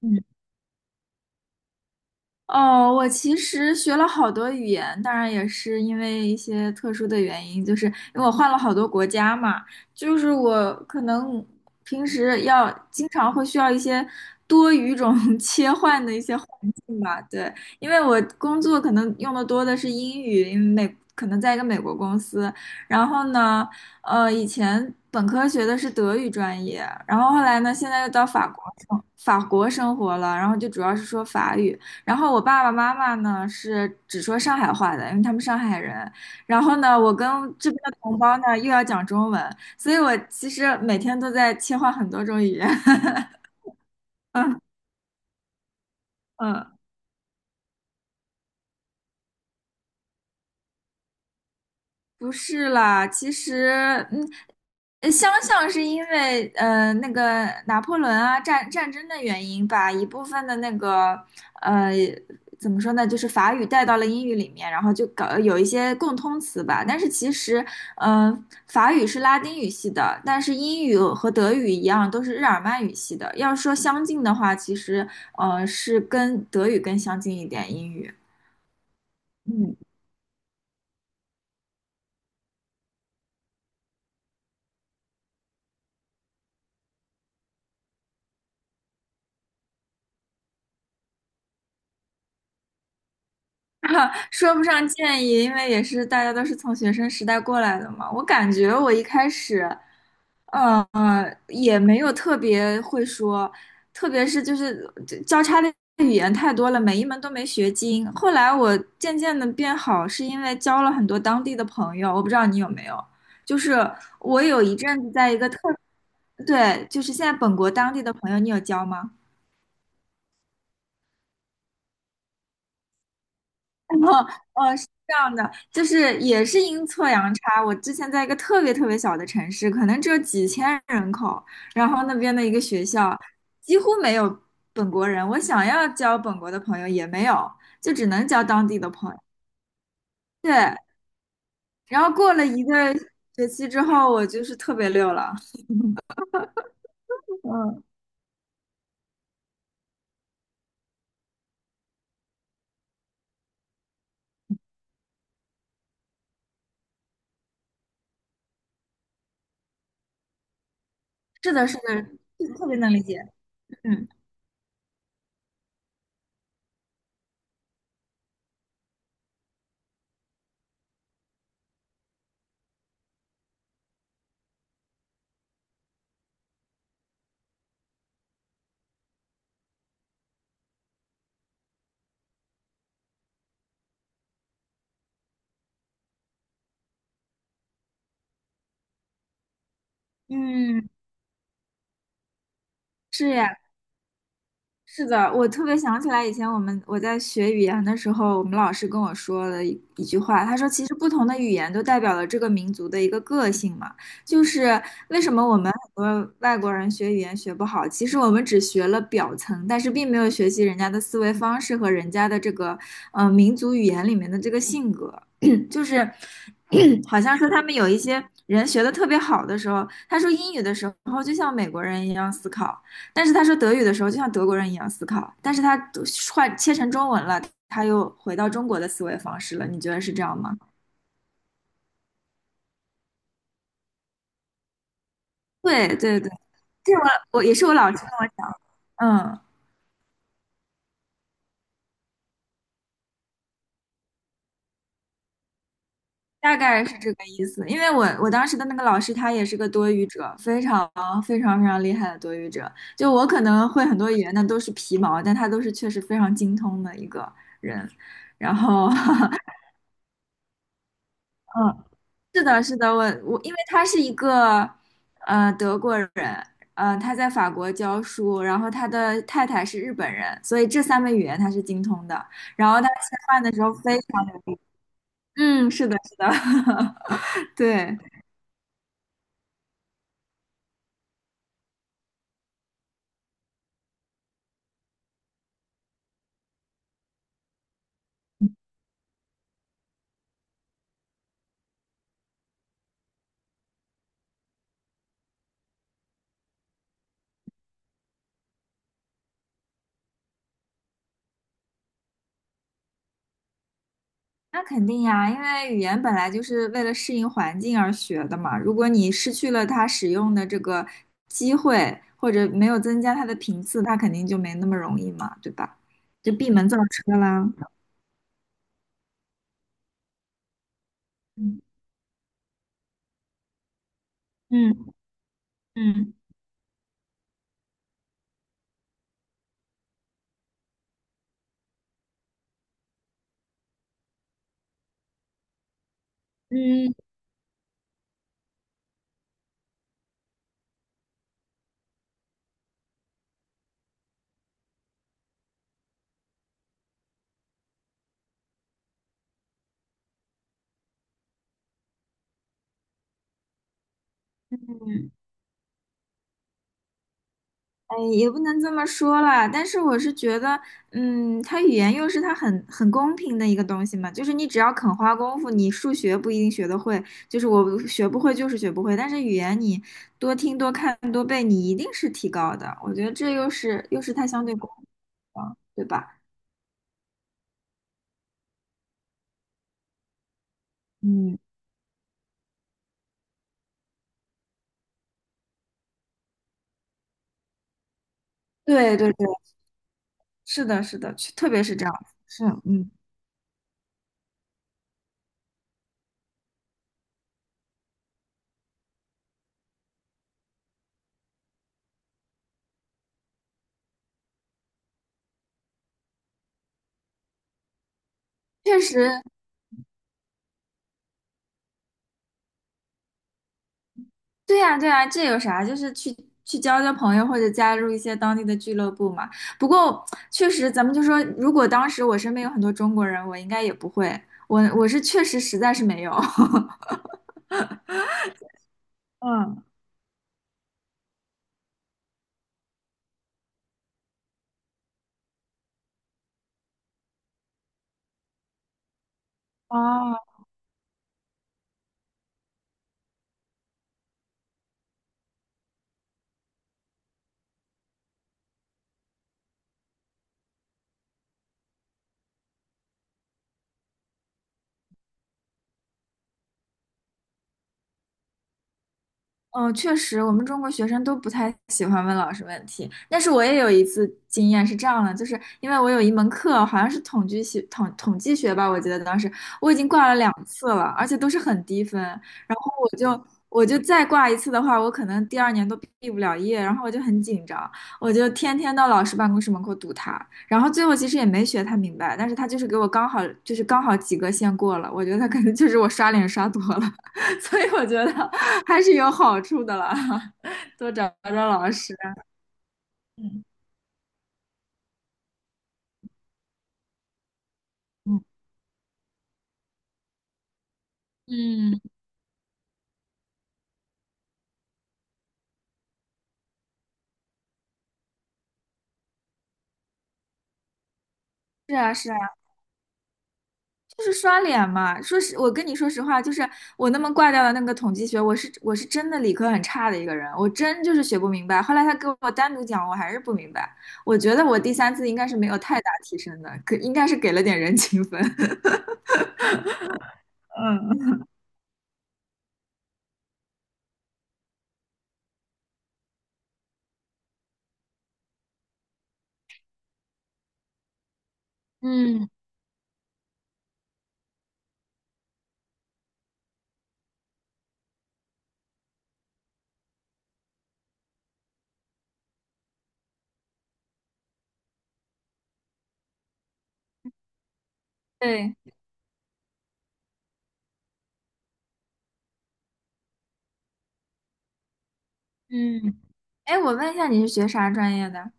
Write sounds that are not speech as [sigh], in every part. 嗯，哦，我其实学了好多语言，当然也是因为一些特殊的原因，就是因为我换了好多国家嘛，就是我可能平时要经常会需要一些多语种 [laughs] 切换的一些环境吧，对，因为我工作可能用的多的是英语，因为美可能在一个美国公司，然后呢，以前本科学的是德语专业，然后后来呢，现在又到法国生活了，然后就主要是说法语。然后我爸爸妈妈呢是只说上海话的，因为他们上海人。然后呢，我跟这边的同胞呢又要讲中文，所以我其实每天都在切换很多种语言。[laughs] 嗯嗯。不是啦，其实，嗯，相像是因为那个拿破仑啊战争的原因，把一部分的那个呃怎么说呢，就是法语带到了英语里面，然后就搞有一些共通词吧。但是其实，呃，法语是拉丁语系的，但是英语和德语一样都是日耳曼语系的。要说相近的话，其实是跟德语更相近一点，英语。嗯。[laughs] 说不上建议，因为也是大家都是从学生时代过来的嘛。我感觉我一开始，也没有特别会说，特别是就是交叉的语言太多了，每一门都没学精。后来我渐渐的变好，是因为交了很多当地的朋友。我不知道你有没有，就是我有一阵子在一个对，就是现在本国当地的朋友，你有交吗？[laughs] 哦，哦，是这样的，就是也是阴错阳差。我之前在一个特别特别小的城市，可能只有几千人口，然后那边的一个学校几乎没有本国人，我想要交本国的朋友也没有，就只能交当地的朋友。对，然后过了一个学期之后，我就是特别溜了。嗯，是的，是的，特特别能理解。嗯嗯，是呀。是的，我特别想起来以前我在学语言的时候，我们老师跟我说了一句话，他说其实不同的语言都代表了这个民族的一个个性嘛，就是为什么我们很多外国人学语言学不好，其实我们只学了表层，但是并没有学习人家的思维方式和人家的这个民族语言里面的这个性格，[coughs] [clears throat] 就是 [clears throat] 好像说他们有一些人学的特别好的时候，他说英语的时候然后就像美国人一样思考。但是他说德语的时候，就像德国人一样思考，但是他换切成中文了，他又回到中国的思维方式了。你觉得是这样吗？对对对，这我也是我老师跟我讲，嗯，大概是这个意思。因为我当时的那个老师他也是个多语者，非常非常非常厉害的多语者。就我可能会很多语言的都是皮毛，但他都是确实非常精通的一个人。然后，[laughs] 嗯，是的，是的，我因为他是一个德国人，他在法国教书，然后他的太太是日本人，所以这三门语言他是精通的。然后他吃饭的时候非常流利。嗯，是的，是的，[laughs] 对，那肯定呀，因为语言本来就是为了适应环境而学的嘛。如果你失去了它使用的这个机会，或者没有增加它的频次，它肯定就没那么容易嘛，对吧？就闭门造车啦。嗯嗯嗯。嗯，哎，也不能这么说啦，但是我是觉得，嗯，它语言又是它很公平的一个东西嘛，就是你只要肯花功夫，你数学不一定学得会，就是我学不会就是学不会，但是语言你多听多看多背，你一定是提高的。我觉得这又是又是它相对公平的，对吧？嗯，对对对，是的，是的，特别是这样，是嗯。确实，对呀，对呀，这有啥？就是去交朋友，或者加入一些当地的俱乐部嘛。不过确实，咱们就说，如果当时我身边有很多中国人，我应该也不会。我是确实实在是没有。[laughs] 嗯，哦，嗯，确实，我们中国学生都不太喜欢问老师问题。但是我也有一次经验是这样的，就是因为我有一门课，好像是统计学吧，我记得当时我已经挂了两次了，而且都是很低分。然后我就再挂一次的话，我可能第二年都毕不了业。然后我就很紧张，我就天天到老师办公室门口堵他。然后最后其实也没学太明白，但是他就是给我刚好及格线过了。我觉得他可能就是我刷脸刷多了，[laughs] 所以我觉得。还是有好处的啦，[laughs] 多找找老师。嗯嗯嗯，是啊，是啊，就是刷脸嘛。说实，我跟你说实话，就是我那么挂掉的那个统计学，我是真的理科很差的一个人，我真就是学不明白。后来他给我单独讲，我还是不明白。我觉得我第三次应该是没有太大提升的，可应该是给了点人情分。[laughs] 嗯，嗯，对，嗯，哎，我问一下，你是学啥专业的？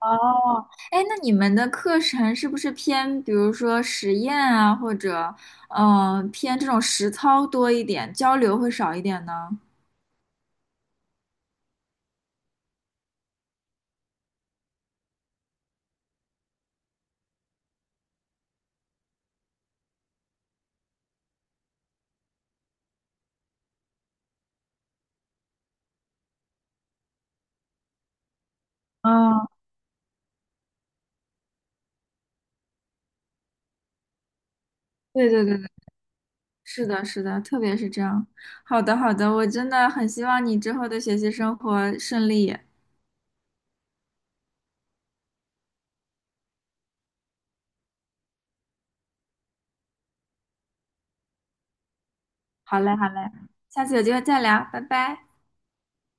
哦，哎，那你们的课程是不是偏，比如说实验啊，或者偏这种实操多一点，交流会少一点呢？嗯，对对对对，是的，是的，特别是这样。好的，好的，我真的很希望你之后的学习生活顺利。好嘞，好嘞，下次有机会再聊，拜拜。